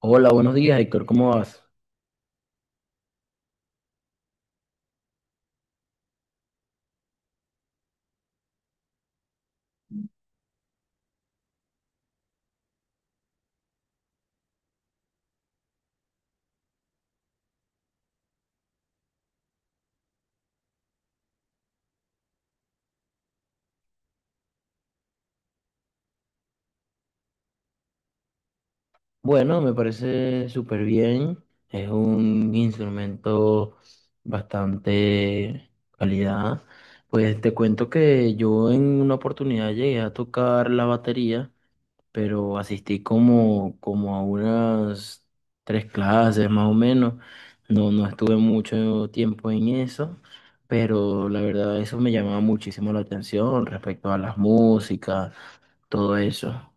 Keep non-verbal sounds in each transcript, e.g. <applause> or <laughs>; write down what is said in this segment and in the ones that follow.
Hola, buenos días, Héctor, ¿cómo vas? Bueno, me parece súper bien. Es un instrumento bastante calidad. Pues te cuento que yo en una oportunidad llegué a tocar la batería, pero asistí como a unas tres clases más o menos. No estuve mucho tiempo en eso, pero la verdad eso me llamaba muchísimo la atención respecto a las músicas, todo eso.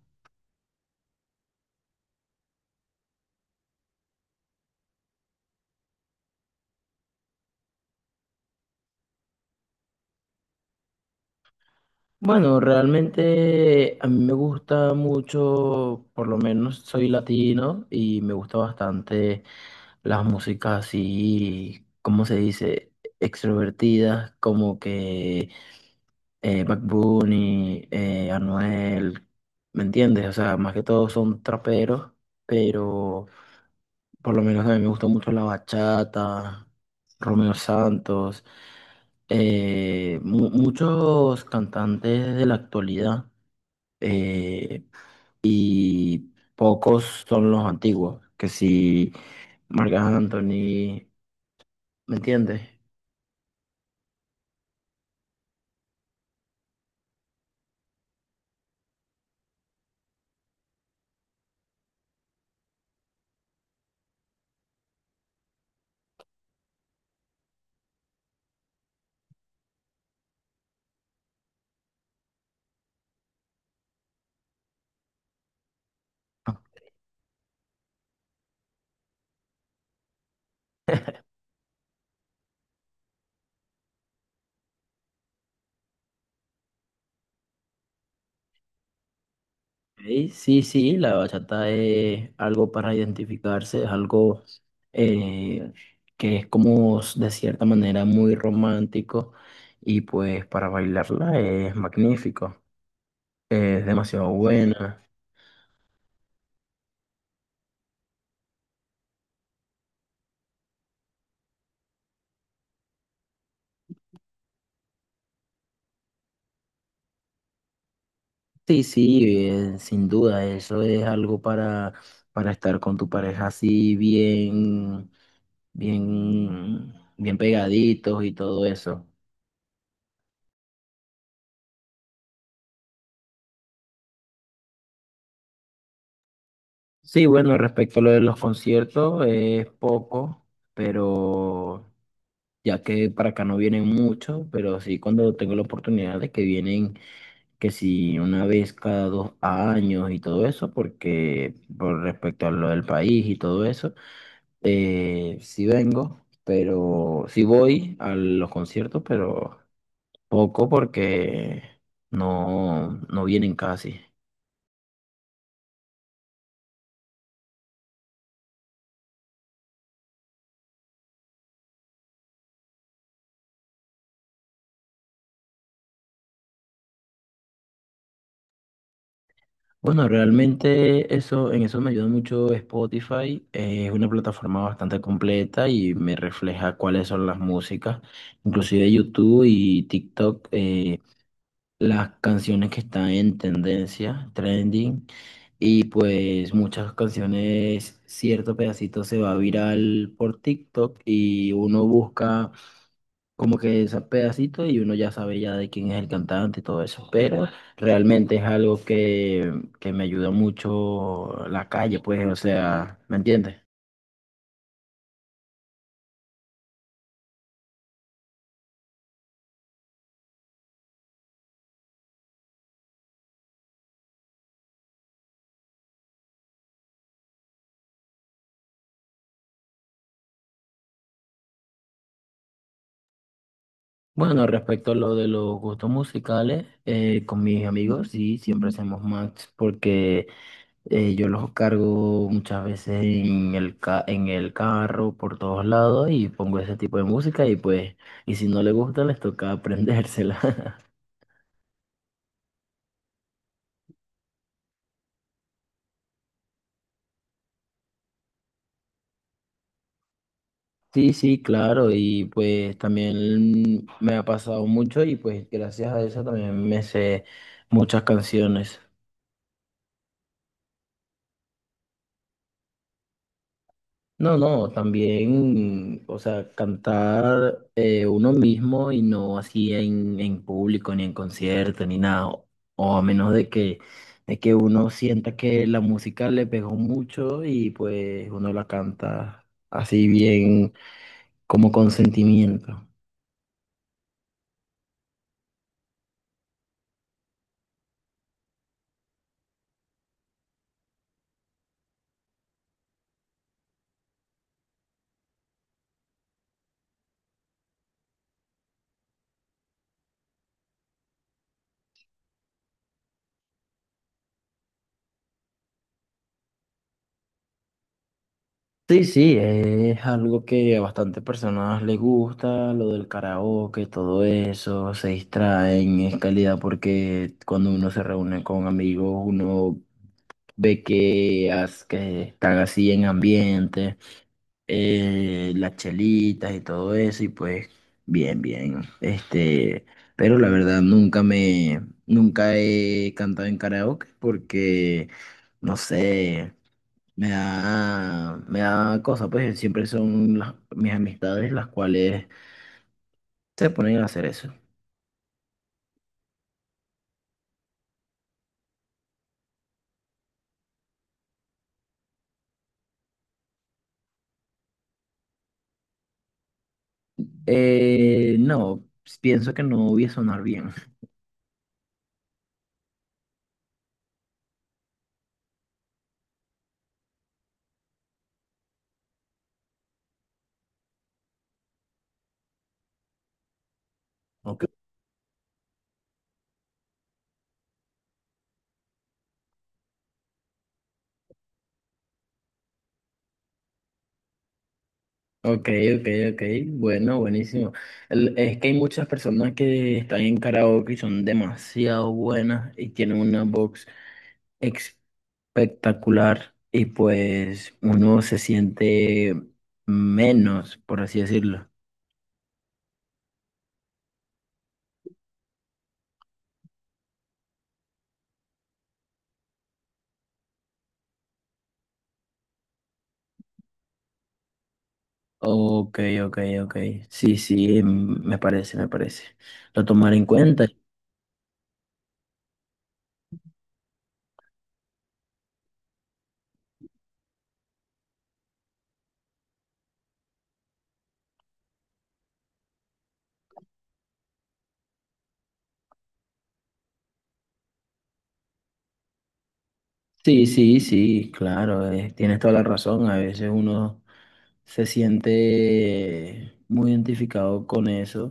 Bueno, realmente a mí me gusta mucho, por lo menos soy latino y me gusta bastante las músicas así, ¿cómo se dice? Extrovertidas, como que Bad Bunny, Anuel, ¿me entiendes? O sea, más que todo son traperos, pero por lo menos a mí me gusta mucho la bachata, Romeo Santos, muchos cantantes de la actualidad. Eh, y pocos son los antiguos, que si Marc Anthony, ¿me entiendes? Ok. Sí, sí, la bachata es algo para identificarse, es algo eh, que es como de cierta manera muy romántico, y pues para bailarla es magnífico, es demasiado buena. Sí, sí, sin duda, eso es algo para estar con tu pareja así bien pegaditos y todo eso. Sí, bueno, respecto a lo de los conciertos, es poco, pero ya que para acá no vienen muchos, pero sí cuando tengo la oportunidad de que vienen, que si una vez cada dos años y todo eso, porque por respecto a lo del país y todo eso, sí vengo, pero sí voy a los conciertos, pero poco porque no vienen casi. Bueno, realmente eso, en eso me ayuda mucho Spotify. Eh, es una plataforma bastante completa y me refleja cuáles son las músicas, inclusive YouTube y TikTok, las canciones que están en tendencia, trending, y pues muchas canciones, cierto pedacito se va viral por TikTok y uno busca como que esa pedacito y uno ya sabe ya de quién es el cantante y todo eso, pero realmente es algo que me ayuda mucho la calle, pues, o sea, ¿me entiendes? Bueno, respecto a lo de los gustos musicales, con mis amigos sí, siempre hacemos match porque yo los cargo muchas veces en el en el carro por todos lados y pongo ese tipo de música y pues, y si no les gusta les toca aprendérsela. <laughs> Sí, sí, claro, y pues también me ha pasado mucho y pues gracias a eso también me sé muchas canciones. No, no, también, o sea, cantar uno mismo y no así en público, ni en concierto, ni nada, o a menos de que uno sienta que la música le pegó mucho y pues uno la canta así bien, como con sentimiento. Sí, sí, es algo que a bastantes personas les gusta, lo del karaoke, todo eso, se distraen, es calidad porque cuando uno se reúne con amigos, uno ve que están así en ambiente, las chelitas y todo eso, y pues bien. Pero la verdad nunca he cantado en karaoke porque, no sé. Me da cosa, pues siempre son mis amistades las cuales se ponen a hacer eso. No, pienso que no voy a sonar bien. Ok. Ok, ok, ok, bueno, buenísimo. Es que hay muchas personas que están en karaoke y son demasiado buenas y tienen una voz espectacular y pues uno se siente menos, por así decirlo. Ok, ok, ok. Sí, sí, me parece, me parece. Lo tomaré en cuenta. Sí, sí, sí, claro, tienes toda la razón. A veces uno se siente muy identificado con eso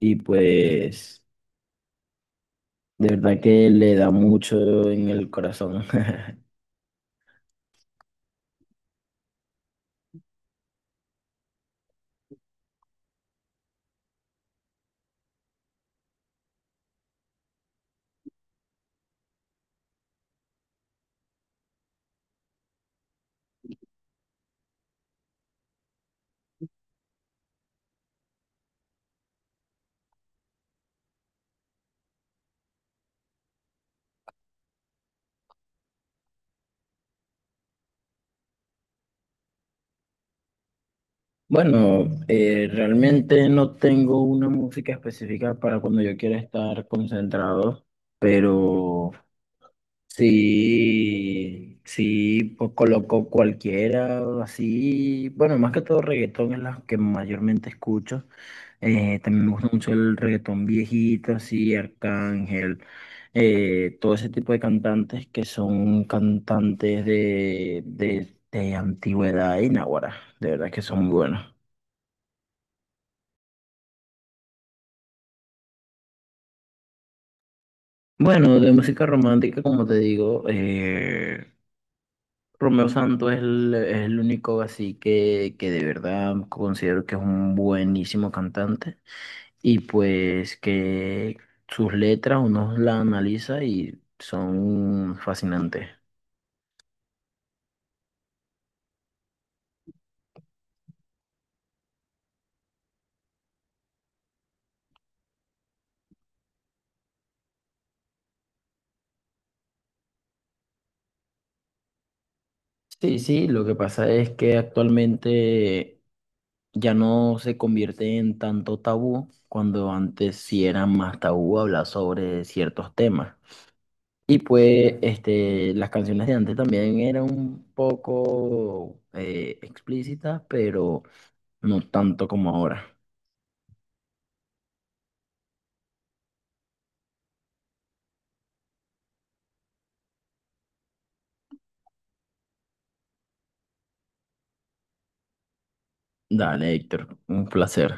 y pues de verdad que le da mucho en el corazón. <laughs> Bueno, realmente no tengo una música específica para cuando yo quiera estar concentrado, pero... Sí, sí, pues coloco cualquiera, así, bueno, más que todo reggaetón es la que mayormente escucho. También me gusta mucho el reggaetón viejito, así, Arcángel, todo ese tipo de cantantes que son cantantes de antigüedad y náguara, de verdad que son muy buenos. Bueno, de música romántica, como te digo, Romeo Santos es es el único así que de verdad considero que es un buenísimo cantante y pues que sus letras uno las analiza y son fascinantes. Sí, sí, lo que pasa es que actualmente ya no se convierte en tanto tabú cuando antes sí era más tabú hablar sobre ciertos temas. Y pues este, las canciones de antes también eran un poco explícitas, pero no tanto como ahora. Dale, Héctor, un placer.